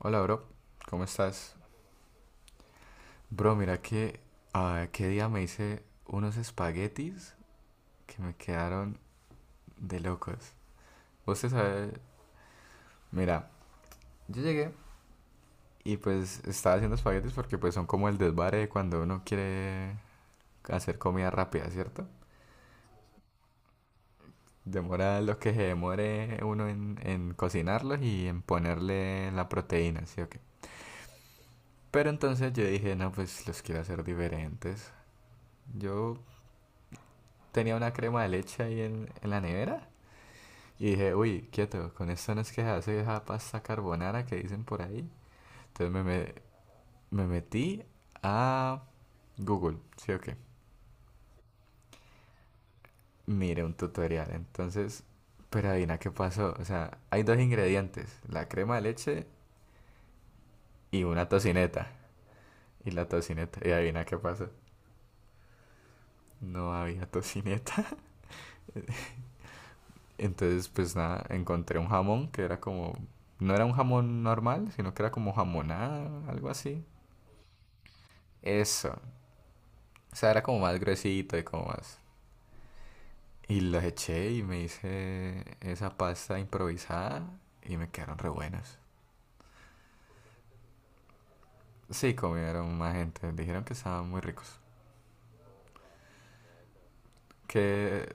Hola, bro. ¿Cómo estás? Bro, mira que qué día me hice unos espaguetis que me quedaron de locos. Vos te sabes, mira, yo llegué y pues estaba haciendo espaguetis porque pues son como el desvare de cuando uno quiere hacer comida rápida, ¿cierto? Demora lo que se demore uno en cocinarlos y en ponerle la proteína, ¿sí o qué? Pero entonces yo dije, no, pues los quiero hacer diferentes. Yo tenía una crema de leche ahí en la nevera. Y dije, uy, quieto, con esta no es que se hace esa pasta carbonara que dicen por ahí. Entonces me metí a Google, ¿sí o qué? Mire un tutorial. Entonces, pero adivina qué pasó. O sea, hay dos ingredientes, la crema de leche y una tocineta. Y la tocineta, y adivina qué pasó. No había tocineta. Entonces, pues nada, encontré un jamón que era como... No era un jamón normal, sino que era como jamonada, algo así. Eso. O sea, era como más gruesito y como más. Y los eché y me hice esa pasta improvisada y me quedaron re buenos. Sí, comieron más gente, dijeron que estaban muy ricos. Que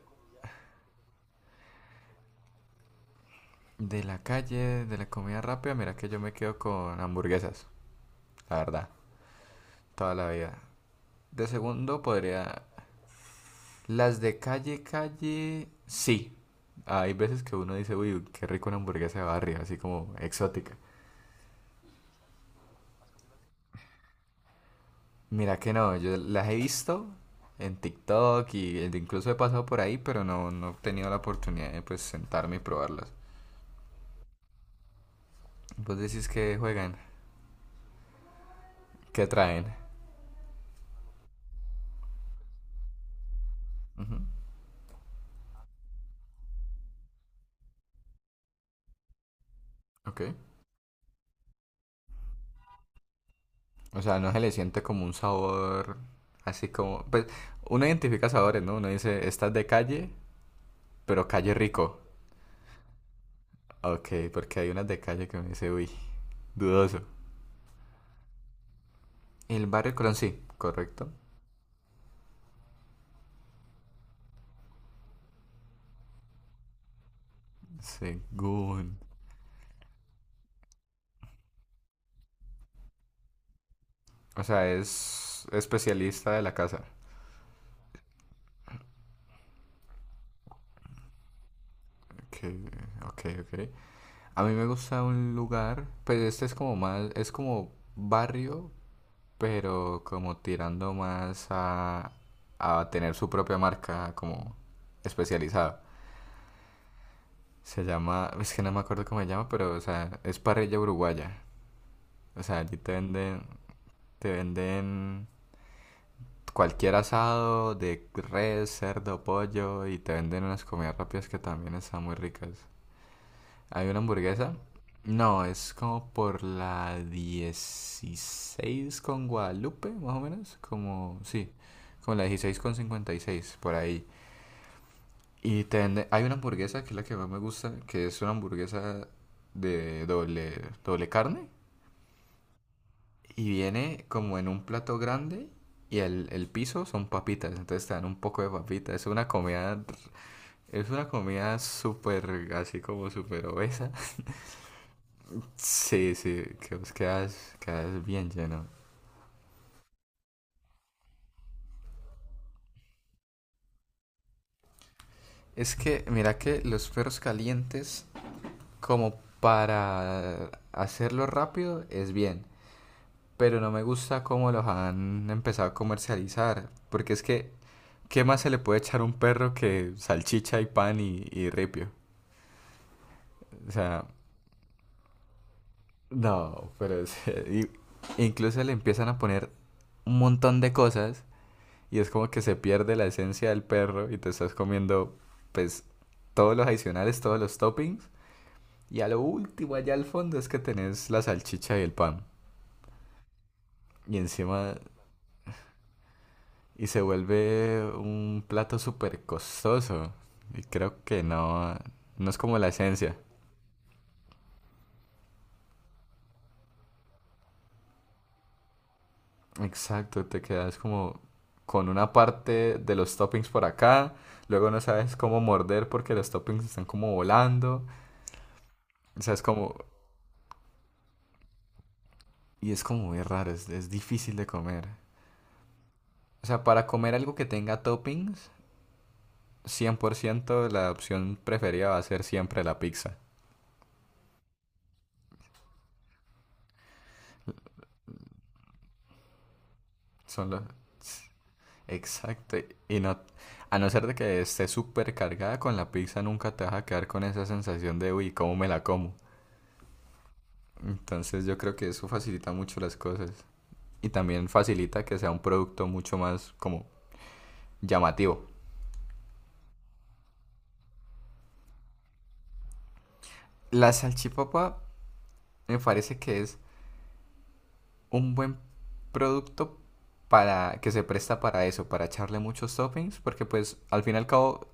de la calle, de la comida rápida, mira que yo me quedo con hamburguesas, la verdad, toda la vida. De segundo podría... Las de calle, calle, sí. Hay veces que uno dice, uy, qué rico una hamburguesa de barrio, así como exótica. Mira que no, yo las he visto en TikTok y e incluso he pasado por ahí, pero no, no he tenido la oportunidad de pues sentarme y probarlas. Vos decís que juegan, que traen. Ujú. Ok. O sea, no se le siente como un sabor así como... Pues uno identifica sabores, ¿no? Uno dice, esta es de calle, pero calle rico. Ok, porque hay unas de calle que uno dice, uy, dudoso. El barrio de Colón, sí, correcto. Según. O sea, es especialista de la casa. Ok, ok, ok. A mí me gusta un lugar, pues este es como más, es como barrio, pero como tirando más a tener su propia marca como especializada. Se llama, es que no me acuerdo cómo se llama, pero o sea, es parrilla uruguaya. O sea, allí te venden cualquier asado de res, cerdo, pollo y te venden unas comidas rápidas que también están muy ricas. ¿Hay una hamburguesa? No, es como por la 16 con Guadalupe, más o menos. Como, sí, como la 16 con 56, por ahí. Y te venden- hay una hamburguesa que es la que más me gusta, que es una hamburguesa de doble, doble carne. Y viene como en un plato grande y el piso son papitas, entonces te dan un poco de papitas. Es una comida súper, así como súper obesa. Sí, sí, que vos quedas bien lleno. Es que, mira que los perros calientes, como para hacerlo rápido, es bien. Pero no me gusta cómo los han empezado a comercializar. Porque es que, ¿qué más se le puede echar a un perro que salchicha y pan y ripio? O sea, no, pero es- y- incluso le empiezan a poner un montón de cosas y es como que se pierde la esencia del perro y te estás comiendo pues todos los adicionales, todos los toppings y a lo último allá al fondo es que tenés la salchicha y el pan y encima y se vuelve un plato súper costoso y creo que no es como la esencia. Exacto, te quedas como con una parte de los toppings por acá, luego no sabes cómo morder porque los toppings están como volando. O sea, es como. Y es como muy raro, es difícil de comer. O sea, para comer algo que tenga toppings, 100% la opción preferida va a ser siempre la pizza. Son los... Exacto. Y no, a no ser de que esté súper cargada con la pizza, nunca te vas a quedar con esa sensación de, uy, ¿cómo me la como? Entonces yo creo que eso facilita mucho las cosas. Y también facilita que sea un producto mucho más como llamativo. La salchipapa me parece que es un buen producto para que se presta para eso, para echarle muchos toppings, porque pues al fin y al cabo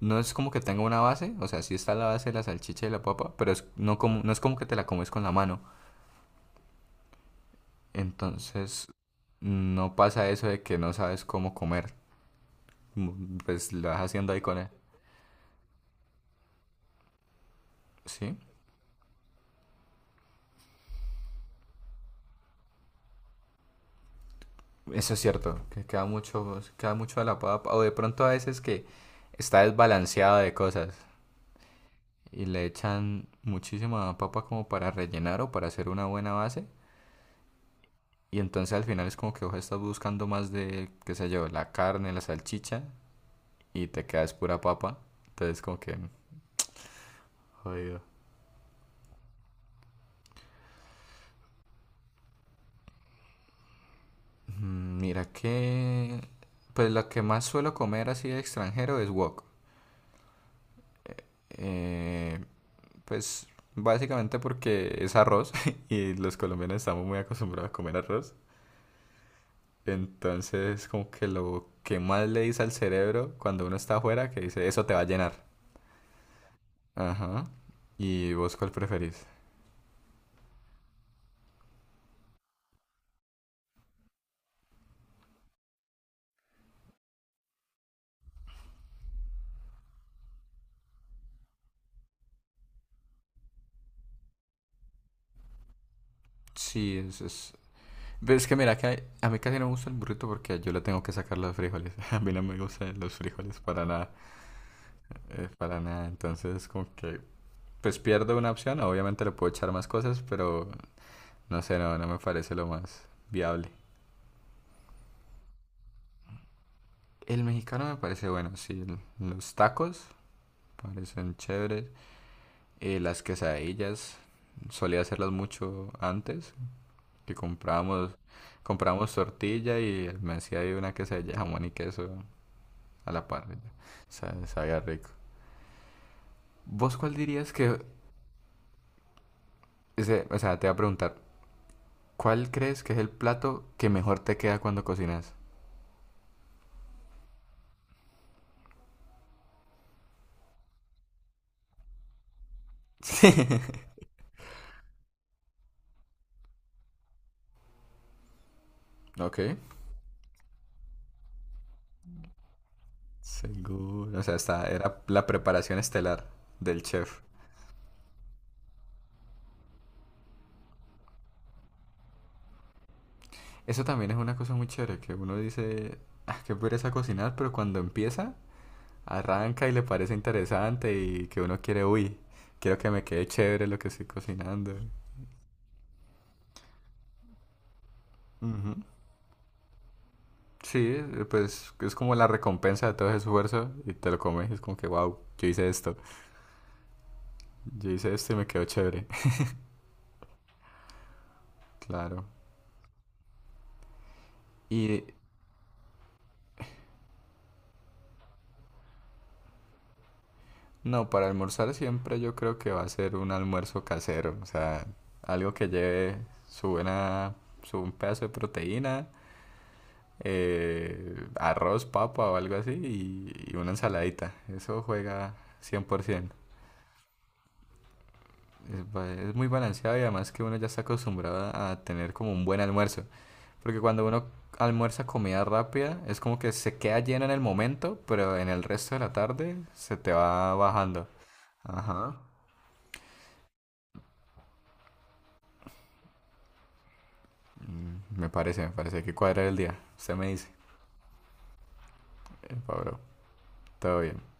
no es como que tenga una base, o sea, sí está la base de la salchicha y la papa, pero es, no, como, no es como que te la comes con la mano. Entonces no pasa eso de que no sabes cómo comer, pues lo vas haciendo ahí con él. ¿Sí? Eso es cierto, que queda mucho de la papa, o de pronto a veces que está desbalanceado de cosas. Y le echan muchísima papa como para rellenar o para hacer una buena base. Y entonces al final es como que vos estás buscando más de, qué sé yo, la carne, la salchicha y te quedas pura papa. Entonces como que, jodido. Mira que, pues lo que más suelo comer así de extranjero es wok. Eh, pues básicamente porque es arroz y los colombianos estamos muy acostumbrados a comer arroz. Entonces, como que lo que más le dice al cerebro cuando uno está afuera, que dice, eso te va a llenar. Ajá. ¿Y vos cuál preferís? Sí, es... Pero es que mira, que hay- a mí casi no me gusta el burrito porque yo le tengo que sacar los frijoles. A mí no me gustan los frijoles para nada. Para nada. Entonces, como que, pues pierdo una opción. Obviamente le puedo echar más cosas, pero no sé, no, no me parece lo más viable. El mexicano me parece bueno, sí. el- Los tacos parecen chéveres. Las quesadillas solía hacerlas mucho antes, que comprábamos tortilla y me hacía ahí una quesadilla de jamón y queso a la parrilla. Sa- Sabía rico. ¿Vos cuál dirías que, ese- o sea, te voy a preguntar, ¿cuál crees que es el plato que mejor te queda cuando cocinas? Sí. Ok, seguro. O sea, era la preparación estelar del chef. Eso también es una cosa muy chévere, que uno dice, ah, qué pereza cocinar, pero cuando empieza, arranca y le parece interesante y que uno quiere, uy, quiero que me quede chévere lo que estoy cocinando. Ujú. Sí, pues es como la recompensa de todo ese esfuerzo y te lo comes y es como que, wow, yo hice esto y me quedó chévere. Claro. Y no, para almorzar siempre yo creo que va a ser un almuerzo casero, o sea, algo que lleve su buena, su un pedazo de proteína arroz, papa o algo así y una ensaladita. Eso juega 100%. Es, ba- es muy balanceado y además que uno ya está acostumbrado a tener como un buen almuerzo. Porque cuando uno almuerza comida rápida, es como que se queda lleno en el momento, pero en el resto de la tarde se te va bajando. Ajá. Me parece que cuadra el día. Usted me dice. Pablo, todo bien.